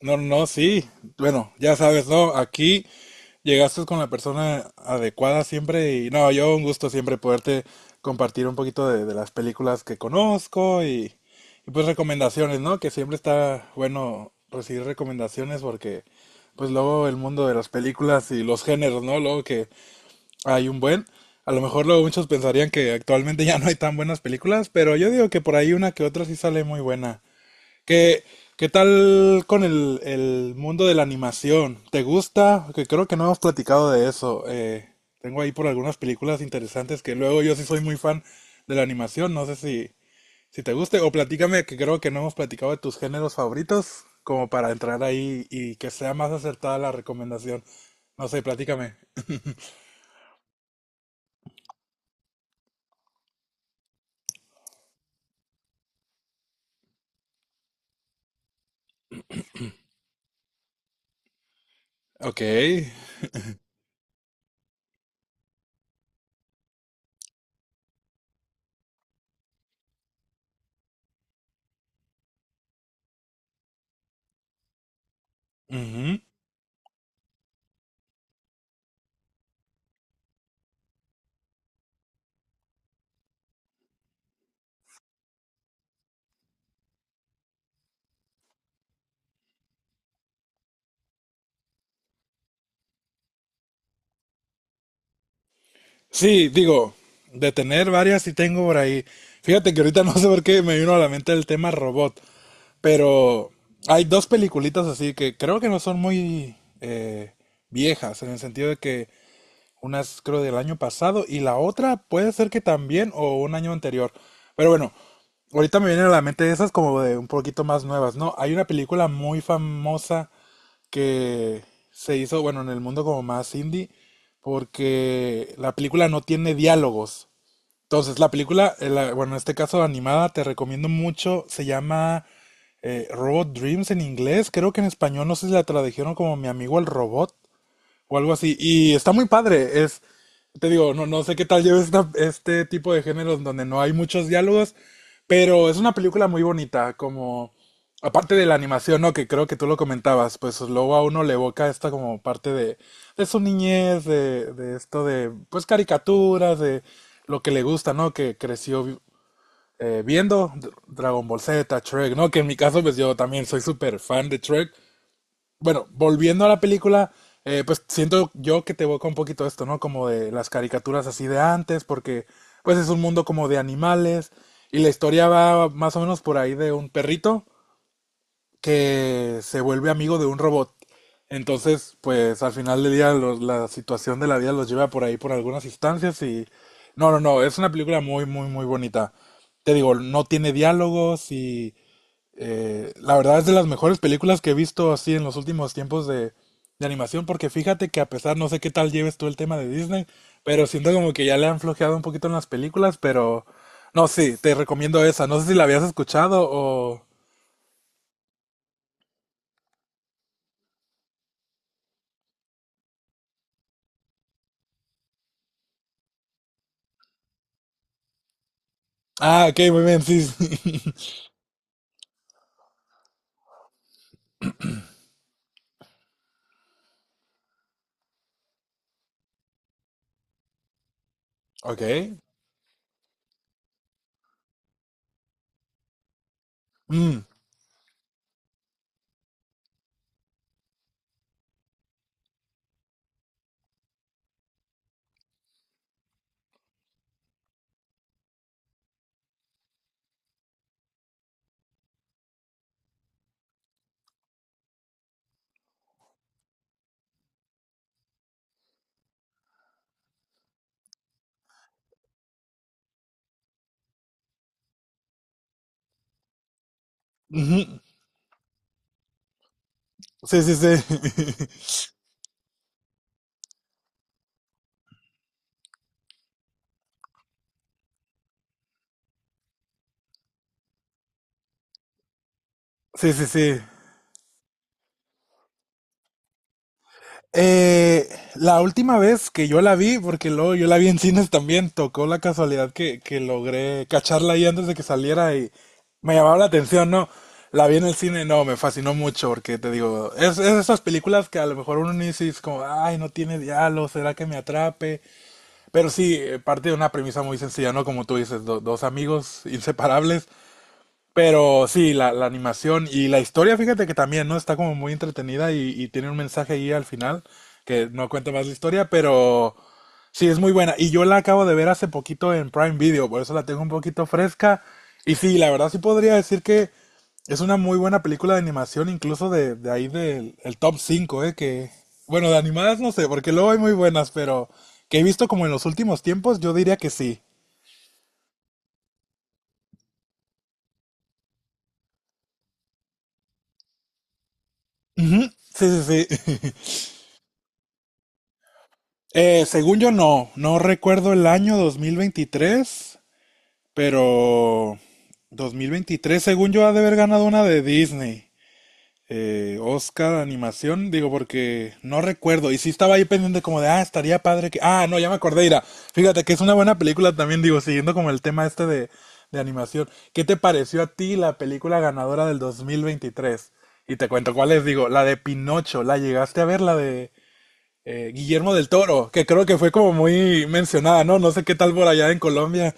No, no, no, sí. Bueno, ya sabes, ¿no? Aquí llegaste con la persona adecuada siempre y no, yo un gusto siempre poderte compartir un poquito de las películas que conozco y, pues recomendaciones, ¿no? Que siempre está bueno recibir recomendaciones porque pues luego el mundo de las películas y los géneros, ¿no? Luego que hay un buen, a lo mejor luego muchos pensarían que actualmente ya no hay tan buenas películas, pero yo digo que por ahí una que otra sí sale muy buena. ¿Qué, qué tal con el mundo de la animación? ¿Te gusta? Que creo que no hemos platicado de eso. Tengo ahí por algunas películas interesantes que luego yo sí soy muy fan de la animación. No sé si te guste o platícame que creo que no hemos platicado de tus géneros favoritos como para entrar ahí y que sea más acertada la recomendación. No sé, platícame. Ok. Sí, digo, de tener varias sí tengo por ahí. Fíjate que ahorita no sé por qué me vino a la mente el tema robot, pero hay dos peliculitas así que creo que no son muy viejas, en el sentido de que una es creo del año pasado y la otra puede ser que también o un año anterior. Pero bueno, ahorita me vienen a la mente esas como de un poquito más nuevas, ¿no? Hay una película muy famosa que se hizo, bueno, en el mundo como más indie, porque la película no tiene diálogos. Entonces, la película, bueno, en este caso animada, te recomiendo mucho, se llama Robot Dreams en inglés, creo que en español no sé si la tradujeron como Mi amigo el robot, o algo así. Y está muy padre. Es, te digo, no, no sé qué tal lleves esta- este tipo de géneros donde no hay muchos diálogos, pero es una película muy bonita, como, aparte de la animación, ¿no? Que creo que tú lo comentabas, pues luego a uno le evoca esta como parte de su niñez, de esto de, pues caricaturas, de lo que le gusta, ¿no? Que creció viendo Dragon Ball Z, Shrek, ¿no? Que en mi caso, pues yo también soy súper fan de Shrek. Bueno, volviendo a la película, pues siento yo que te evoca un poquito esto, ¿no? Como de las caricaturas así de antes, porque pues es un mundo como de animales y la historia va más o menos por ahí de un perrito que se vuelve amigo de un robot. Entonces, pues al final del día los- la situación de la vida los lleva por ahí por algunas instancias y... No, no, no, es una película muy, muy, muy bonita. Te digo, no tiene diálogos y la verdad es de las mejores películas que he visto así en los últimos tiempos de animación, porque fíjate que a pesar, no sé qué tal lleves tú el tema de Disney, pero siento como que ya le han flojeado un poquito en las películas, pero no, sí, te recomiendo esa. No sé si la habías escuchado o... Ah, ok, muy bien, sí, sí. Ok. Mm, ujú. Sí, sí, sí. Sí, sí, sí. Eh, la última vez que yo la vi, porque luego yo la vi en cines también, tocó la casualidad que logré cacharla ahí antes de que saliera y me llamaba la atención, ¿no? La vi en el cine, no, me fascinó mucho porque te digo, es esas películas que a lo mejor uno ni dice es como, ay, no tiene diálogo, ¿será que me atrape? Pero sí, parte de una premisa muy sencilla, ¿no? Como tú dices, dos amigos inseparables pero sí, la animación y la historia, fíjate que también, ¿no? Está como muy entretenida y tiene un mensaje ahí al final, que no cuenta más la historia, pero sí, es muy buena. Y yo la acabo de ver hace poquito en Prime Video, por eso la tengo un poquito fresca. Y sí, la verdad sí podría decir que es una muy buena película de animación, incluso de ahí del el top 5 ¿eh? Que, bueno, de animadas no sé, porque luego hay muy buenas, pero que he visto como en los últimos tiempos, yo diría que sí. Ujú, sí, sí, sí. Según yo no, no recuerdo el año 2023, pero 2023 según yo ha de haber ganado una de Disney. Oscar animación, digo porque no recuerdo y sí estaba ahí pendiente como de, ah, estaría padre que... Ah, no, ya me acordé, mira, fíjate que es una buena película también, digo, siguiendo como el tema este de animación. ¿Qué te pareció a ti la película ganadora del 2023? Y te cuento cuál es, digo, la de Pinocho, ¿la llegaste a ver, la de Guillermo del Toro, que creo que fue como muy mencionada, ¿no? No sé qué tal por allá en Colombia.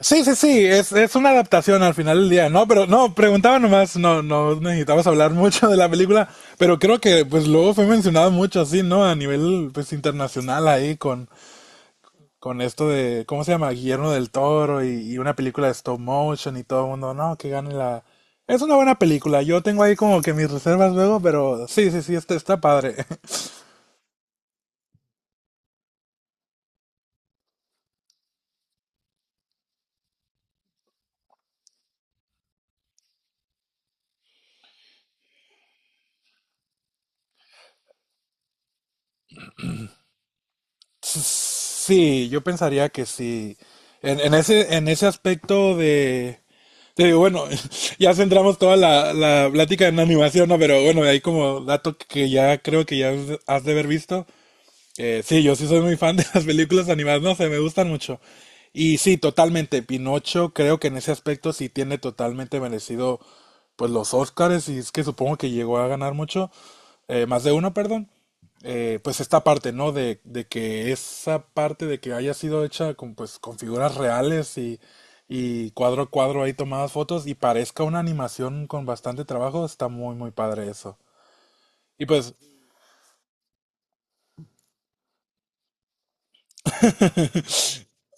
Sí, sí, sí, es una adaptación al final del día, ¿no? Pero no, preguntaba nomás, no, no necesitabas hablar mucho de la película, pero creo que pues luego fue mencionado mucho así, ¿no? A nivel pues internacional ahí con esto de, ¿cómo se llama? Guillermo del Toro y una película de stop motion y todo el mundo, no, que gane la... Es una buena película, yo tengo ahí como que mis reservas luego, pero sí, sí, sí, está, está padre. Sí, yo pensaría que sí. En ese aspecto de, bueno, ya centramos toda la, la plática en animación, ¿no? Pero bueno, de ahí como dato que ya creo que ya has de haber visto. Sí, yo sí soy muy fan de las películas animadas, no sé, me gustan mucho. Y sí, totalmente, Pinocho creo que en ese aspecto sí tiene totalmente merecido pues los Oscars y es que supongo que llegó a ganar mucho, más de uno, perdón. Pues esta parte, ¿no? De que esa parte de que haya sido hecha con figuras reales y cuadro a cuadro ahí tomadas fotos y parezca una animación con bastante trabajo, está muy, muy padre eso. Y pues,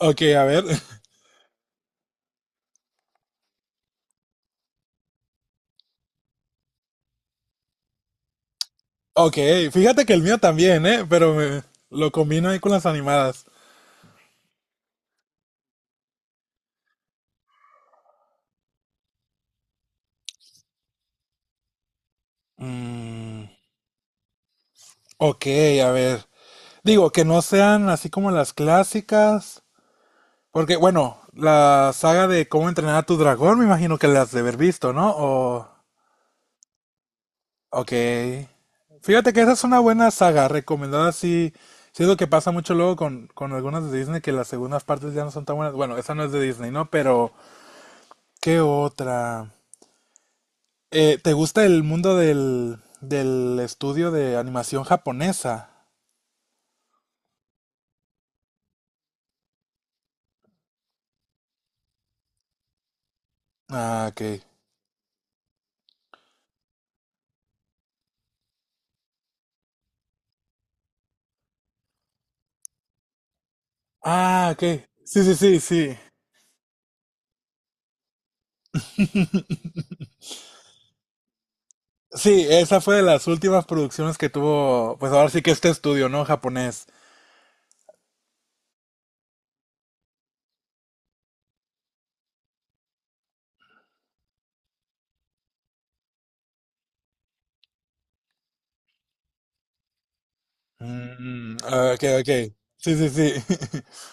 ok, a ver, Ok, fíjate que el mío también, ¿eh? Pero me- lo combino ahí con las animadas. Mm, ok, a ver. Digo, que no sean así como las clásicas. Porque, bueno, la saga de cómo entrenar a tu dragón, me imagino que las has de haber visto, ¿no? O, ok. Fíjate que esa es una buena saga, recomendada. Sí, sí es lo que pasa mucho luego con algunas de Disney que las segundas partes ya no son tan buenas. Bueno, esa no es de Disney, ¿no? Pero, ¿qué otra? ¿Te gusta el mundo del estudio de animación japonesa? Ah, ok. Ah, ok. Sí, sí, sí, sí. Sí, esa fue de las últimas producciones que tuvo, pues ahora sí que este estudio, ¿no? Japonés. Mm, ah, ok, ok. Sí, sí, sí.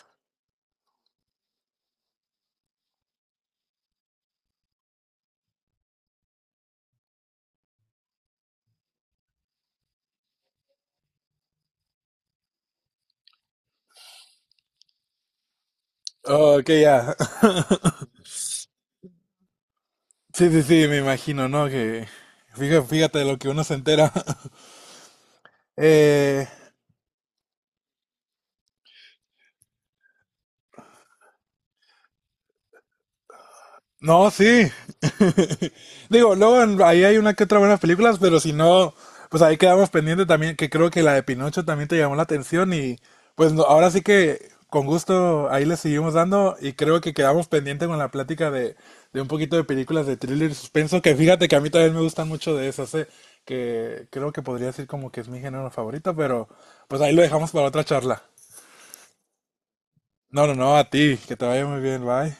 Oh, ok, ya. Sí, sí, sí, me imagino, ¿no? Que fíjate, fíjate de lo que uno se entera. Eh, no, sí. Digo, luego ahí hay una que otra buenas películas, pero si no, pues ahí quedamos pendiente también, que creo que la de Pinocho también te llamó la atención y pues no- ahora sí que con gusto ahí le seguimos dando y creo que quedamos pendiente con la plática de, un poquito de películas de thriller y suspenso, que fíjate que a mí también me gustan mucho de esas, que creo que podría decir como que es mi género favorito, pero pues ahí lo dejamos para otra charla. No, no, no, a ti, que te vaya muy bien, bye.